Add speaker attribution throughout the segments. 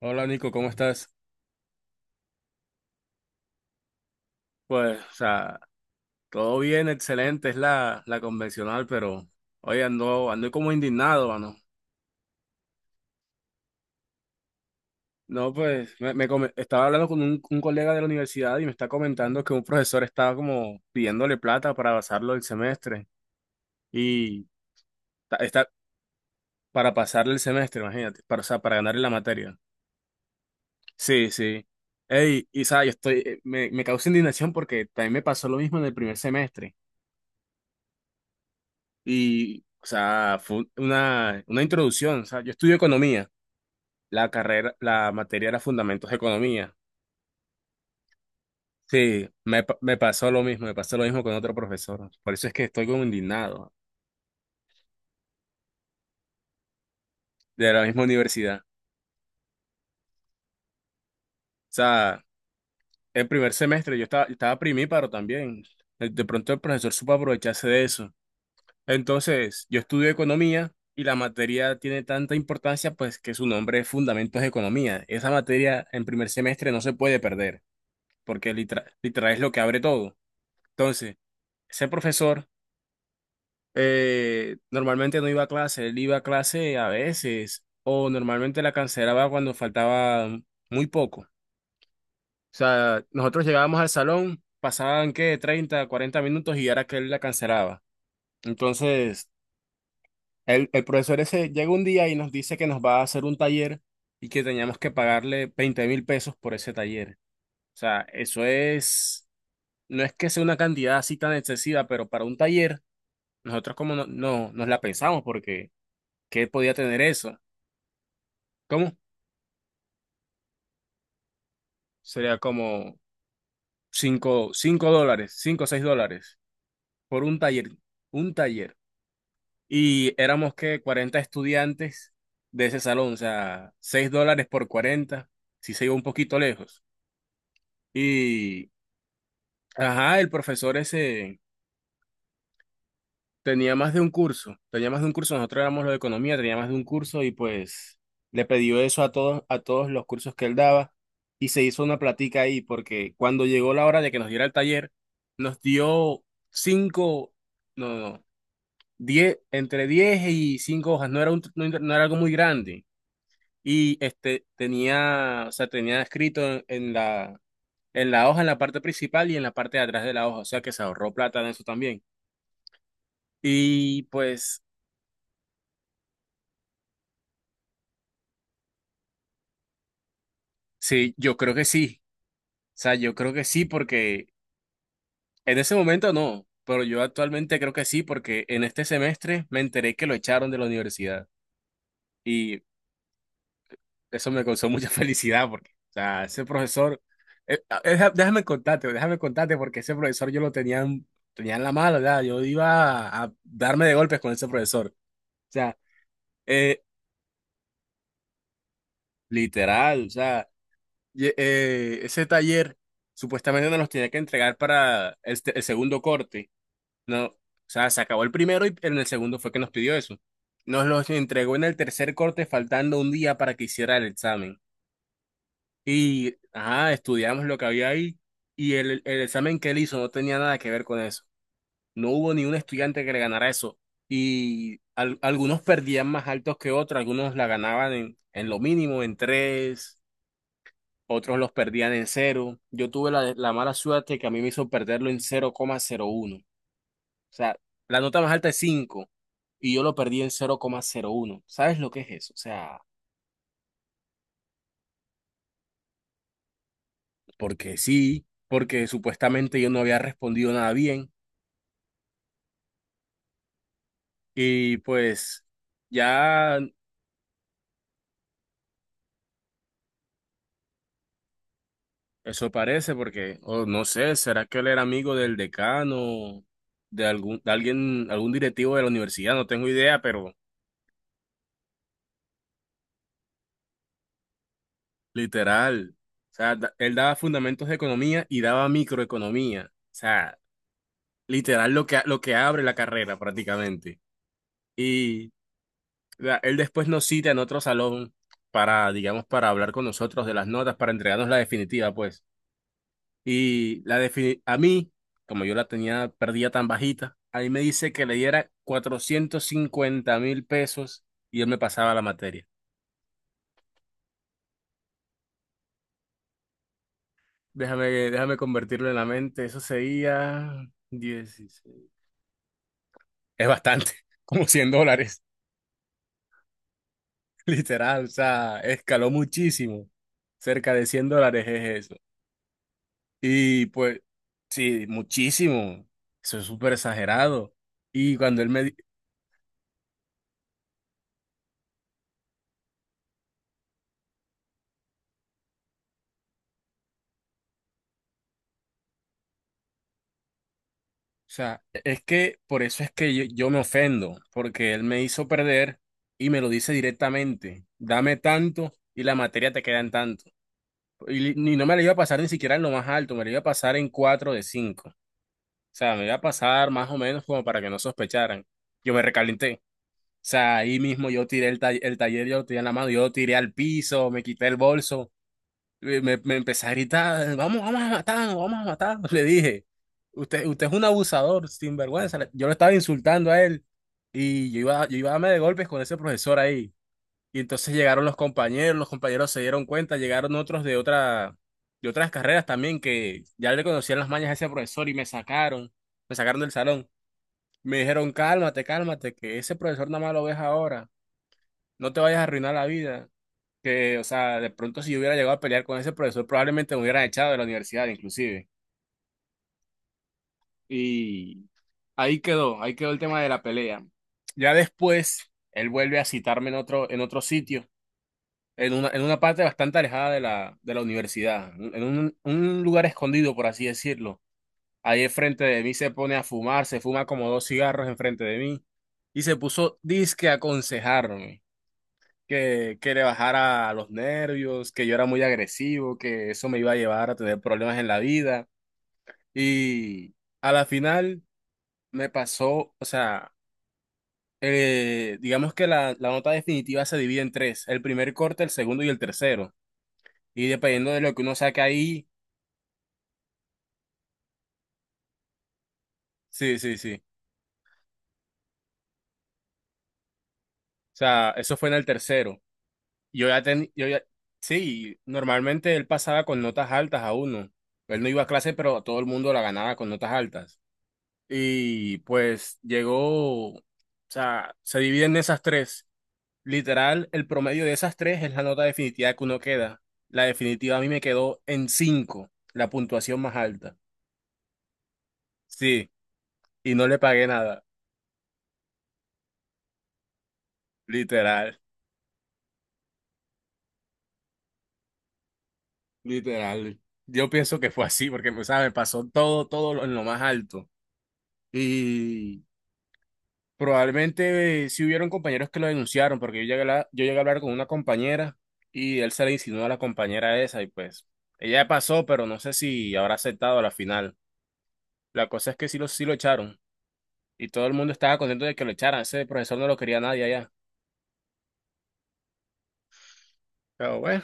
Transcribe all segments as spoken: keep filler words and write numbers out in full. Speaker 1: Hola Nico, ¿cómo estás? Pues, o sea, todo bien, excelente, es la, la convencional, pero hoy ando, ando como indignado, mano. No, pues, me, me come- estaba hablando con un, un colega de la universidad y me está comentando que un profesor estaba como pidiéndole plata para pasarlo el semestre y ta- está para pasarle el semestre, imagínate, para, o sea, para ganarle la materia. Sí, sí. Ey, y sabes, yo estoy, eh, me, me causa indignación porque también me pasó lo mismo en el primer semestre. Y, o sea, fue una, una introducción. O sea, yo estudio economía. La carrera, la materia era fundamentos de economía. Sí, me, pa- me pasó lo mismo, me pasó lo mismo con otro profesor. Por eso es que estoy como indignado de la misma universidad. O sea, el primer semestre yo estaba, estaba primíparo también. De pronto el profesor supo aprovecharse de eso. Entonces, yo estudio economía y la materia tiene tanta importancia, pues que su nombre es Fundamentos de Economía. Esa materia en primer semestre no se puede perder, porque literal, literal es lo que abre todo. Entonces, ese profesor, eh, normalmente no iba a clase, él iba a clase a veces, o normalmente la cancelaba cuando faltaba muy poco. O sea, nosotros llegábamos al salón, pasaban que treinta cuarenta minutos y era que él la cancelaba. Entonces, el, el profesor ese llega un día y nos dice que nos va a hacer un taller y que teníamos que pagarle veinte mil pesos por ese taller. O sea, eso es, no es que sea una cantidad así tan excesiva, pero para un taller, nosotros como no, no nos la pensamos, porque ¿qué podía tener eso? ¿Cómo? Sería como cinco cinco, dólares, cinco o seis dólares por un taller, un taller. Y éramos que cuarenta estudiantes de ese salón, o sea, seis dólares por cuarenta, si se iba un poquito lejos. Y, ajá, el profesor ese tenía más de un curso, tenía más de un curso, nosotros éramos lo de economía, tenía más de un curso y pues le pidió eso a todos, a todos los cursos que él daba y se hizo una platica ahí porque cuando llegó la hora de que nos diera el taller, nos dio cinco, no, no, no, diez, entre diez y cinco hojas, no era un, no, era, no era algo muy grande y este tenía, o sea, tenía escrito en, en la, en la hoja, en la parte principal y en la parte de atrás de la hoja, o sea que se ahorró plata en eso también. Y pues sí, yo creo que sí. O sea, yo creo que sí porque en ese momento no, pero yo actualmente creo que sí porque en este semestre me enteré que lo echaron de la universidad y eso me causó mucha felicidad porque, o sea, ese profesor, eh, ah, deja- déjame contarte, déjame contarte porque ese profesor yo lo tenía, en- tenía en la mala, ¿verdad? Yo iba a, a darme de golpes con ese profesor. O sea, eh, literal, o sea, y- eh, ese taller supuestamente nos los tenía que entregar para el, el segundo corte. No, o sea, se acabó el primero y en el segundo fue que nos pidió eso. Nos los entregó en el tercer corte faltando un día para que hiciera el examen. Y, ajá, estudiamos lo que había ahí y el, el examen que él hizo no tenía nada que ver con eso. No hubo ni un estudiante que le ganara eso. Y al- algunos perdían más altos que otros, algunos la ganaban en, en lo mínimo, en tres, otros los perdían en cero. Yo tuve la, la mala suerte que a mí me hizo perderlo en cero cero coma cero uno. O sea, la nota más alta es cinco y yo lo perdí en cero cero coma cero uno. ¿Sabes lo que es eso? O sea, porque sí, porque supuestamente yo no había respondido nada bien y pues ya eso parece porque, o no sé, ¿será que él era amigo del decano, de algún, de alguien, algún directivo de la universidad? No tengo idea, pero literal. O sea, da- él daba fundamentos de economía y daba microeconomía. O sea, literal lo que, lo que abre la carrera prácticamente. Y la- él después nos cita en otro salón para, digamos, para hablar con nosotros de las notas, para entregarnos la definitiva, pues. Y la defini- a mí, como yo la tenía perdida tan bajita, a mí me dice que le diera cuatrocientos cincuenta mil pesos y él me pasaba la materia. Déjame, déjame convertirlo en la mente, eso sería dieciséis. Es bastante, como cien dólares, literal, o sea, escaló muchísimo. Cerca de cien dólares es eso. Y pues, sí, muchísimo. Eso es súper exagerado. Y cuando él me... di- O sea, es que por eso es que yo, yo me ofendo, porque él me hizo perder y me lo dice directamente. Dame tanto y la materia te queda en tanto. Y, li- ni no me la iba a pasar ni siquiera en lo más alto, me la iba a pasar en cuatro de cinco. O sea, me iba a pasar más o menos como para que no sospecharan. Yo me recalenté. O sea, ahí mismo yo tiré el, ta- el taller, yo lo tiré en la mano, yo lo tiré al piso, me quité el bolso. Eh, Me, me empecé a gritar, vamos, vamos a matarnos, vamos a matarnos. Le dije, usted, usted es un abusador, sinvergüenza. Le- Yo lo estaba insultando a él y yo iba, yo iba a darme de golpes con ese profesor ahí. Y entonces llegaron los compañeros, los compañeros se dieron cuenta, llegaron otros de otra, de otras carreras también que ya le conocían las mañas a ese profesor y me sacaron, me sacaron del salón. Me dijeron, cálmate, cálmate, que ese profesor nada más lo ves ahora, no te vayas a arruinar la vida, que, o sea, de pronto si yo hubiera llegado a pelear con ese profesor, probablemente me hubieran echado de la universidad, inclusive. Y ahí quedó, ahí quedó el tema de la pelea. Ya después, él vuelve a citarme en otro, en otro sitio, en una, en una parte bastante alejada de la, de la universidad, en un, un lugar escondido, por así decirlo. Ahí enfrente de mí se pone a fumar, se fuma como dos cigarros enfrente de mí y se puso disque a aconsejarme, que, que le bajara a los nervios, que yo era muy agresivo, que eso me iba a llevar a tener problemas en la vida. Y a la final me pasó, o sea, eh, digamos que la, la nota definitiva se divide en tres, el primer corte, el segundo y el tercero. Y dependiendo de lo que uno saque ahí, sí, sí, sí. O sea, eso fue en el tercero. Yo ya tenía, yo ya, sí, normalmente él pasaba con notas altas a uno. Él no iba a clase, pero todo el mundo la ganaba con notas altas. Y pues llegó, o sea, se dividen esas tres. Literal, el promedio de esas tres es la nota definitiva que uno queda. La definitiva a mí me quedó en cinco, la puntuación más alta. Sí, y no le pagué nada. Literal, literal. Yo pienso que fue así, porque, o sea, me pasó todo, todo lo- en lo más alto. Y probablemente, eh, sí hubieron compañeros que lo denunciaron, porque yo llegué a hablar, yo llegué a hablar con una compañera y él se le insinuó a la compañera esa y pues ella pasó, pero no sé si habrá aceptado a la final. La cosa es que sí lo, sí lo echaron y todo el mundo estaba contento de que lo echaran. Ese profesor no lo quería nadie allá. Pero bueno,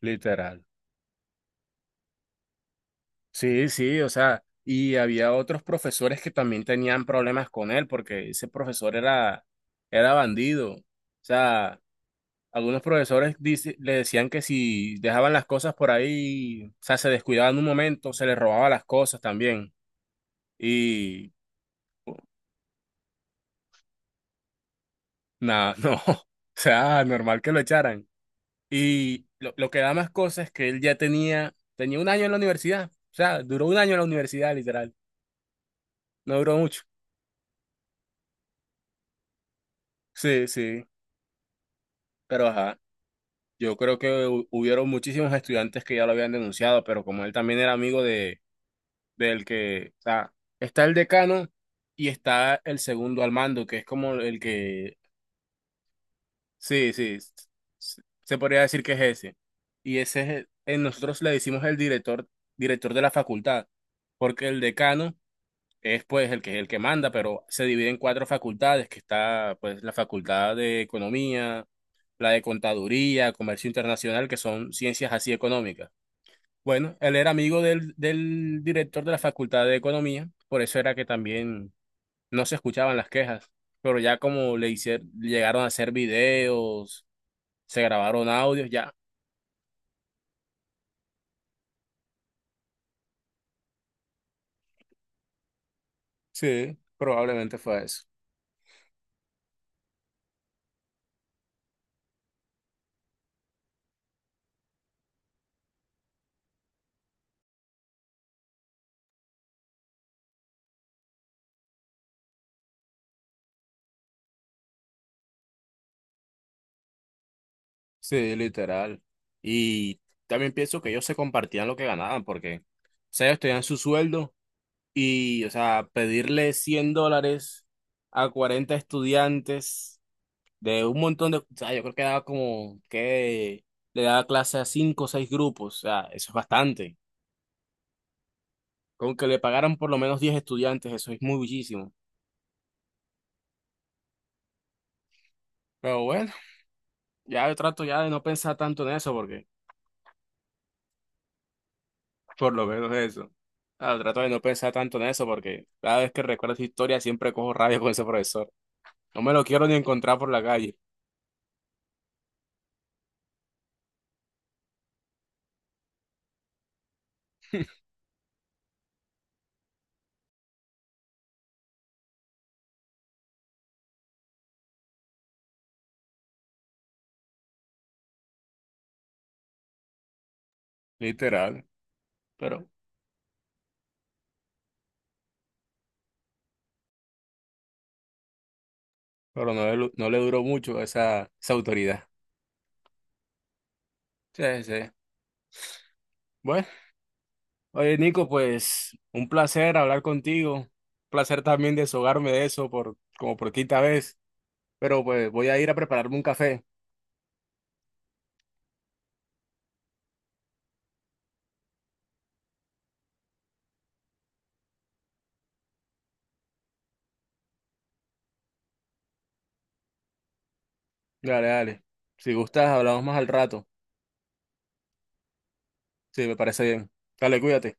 Speaker 1: literal. Sí, sí, o sea, y había otros profesores que también tenían problemas con él porque ese profesor era, era bandido. O sea, algunos profesores dice- le decían que si dejaban las cosas por ahí, o sea, se descuidaban un momento, se les robaba las cosas también. Y nada, no, o sea, normal que lo echaran. Y lo, lo que da más cosas es que él ya tenía, tenía un año en la universidad, o sea, duró un año en la universidad, literal, no duró mucho. Sí, sí, pero ajá, yo creo que hu- hubieron muchísimos estudiantes que ya lo habían denunciado, pero como él también era amigo de del que, o sea, está el decano y está el segundo al mando, que es como el que, sí, sí, s- se podría decir que es ese. Y ese es, el- eh, nosotros le decimos el director, director de la facultad, porque el decano es pues el que el que manda, pero se divide en cuatro facultades, que está pues la facultad de economía, la de contaduría, comercio internacional, que son ciencias así económicas. Bueno, él era amigo del, del director de la Facultad de Economía, por eso era que también no se escuchaban las quejas, pero ya como le hicieron, llegaron a hacer videos, se grabaron audios, ya. Sí, probablemente fue eso. Sí, literal. Y también pienso que ellos se compartían lo que ganaban, porque, o sea, ellos tenían su sueldo y, o sea, pedirle cien dólares a cuarenta estudiantes, de un montón de, o sea, yo creo que daba, como que le daba clase a cinco o seis grupos, o sea, eso es bastante. Con que le pagaran por lo menos diez estudiantes, eso es muy muchísimo. Pero bueno, ya yo trato ya de no pensar tanto en eso porque, por lo menos eso. Ah, trato de no pensar tanto en eso porque cada vez que recuerdo esa historia siempre cojo rabia con ese profesor. No me lo quiero ni encontrar por la calle, literal. Pero, pero no, le- no le duró mucho esa, esa autoridad. Sí, sí. Bueno. Oye, Nico, pues un placer hablar contigo, placer también desahogarme de eso por, como por quinta vez, pero pues voy a ir a prepararme un café. Dale, dale. Si gustas, hablamos más al rato. Sí, me parece bien. Dale, cuídate.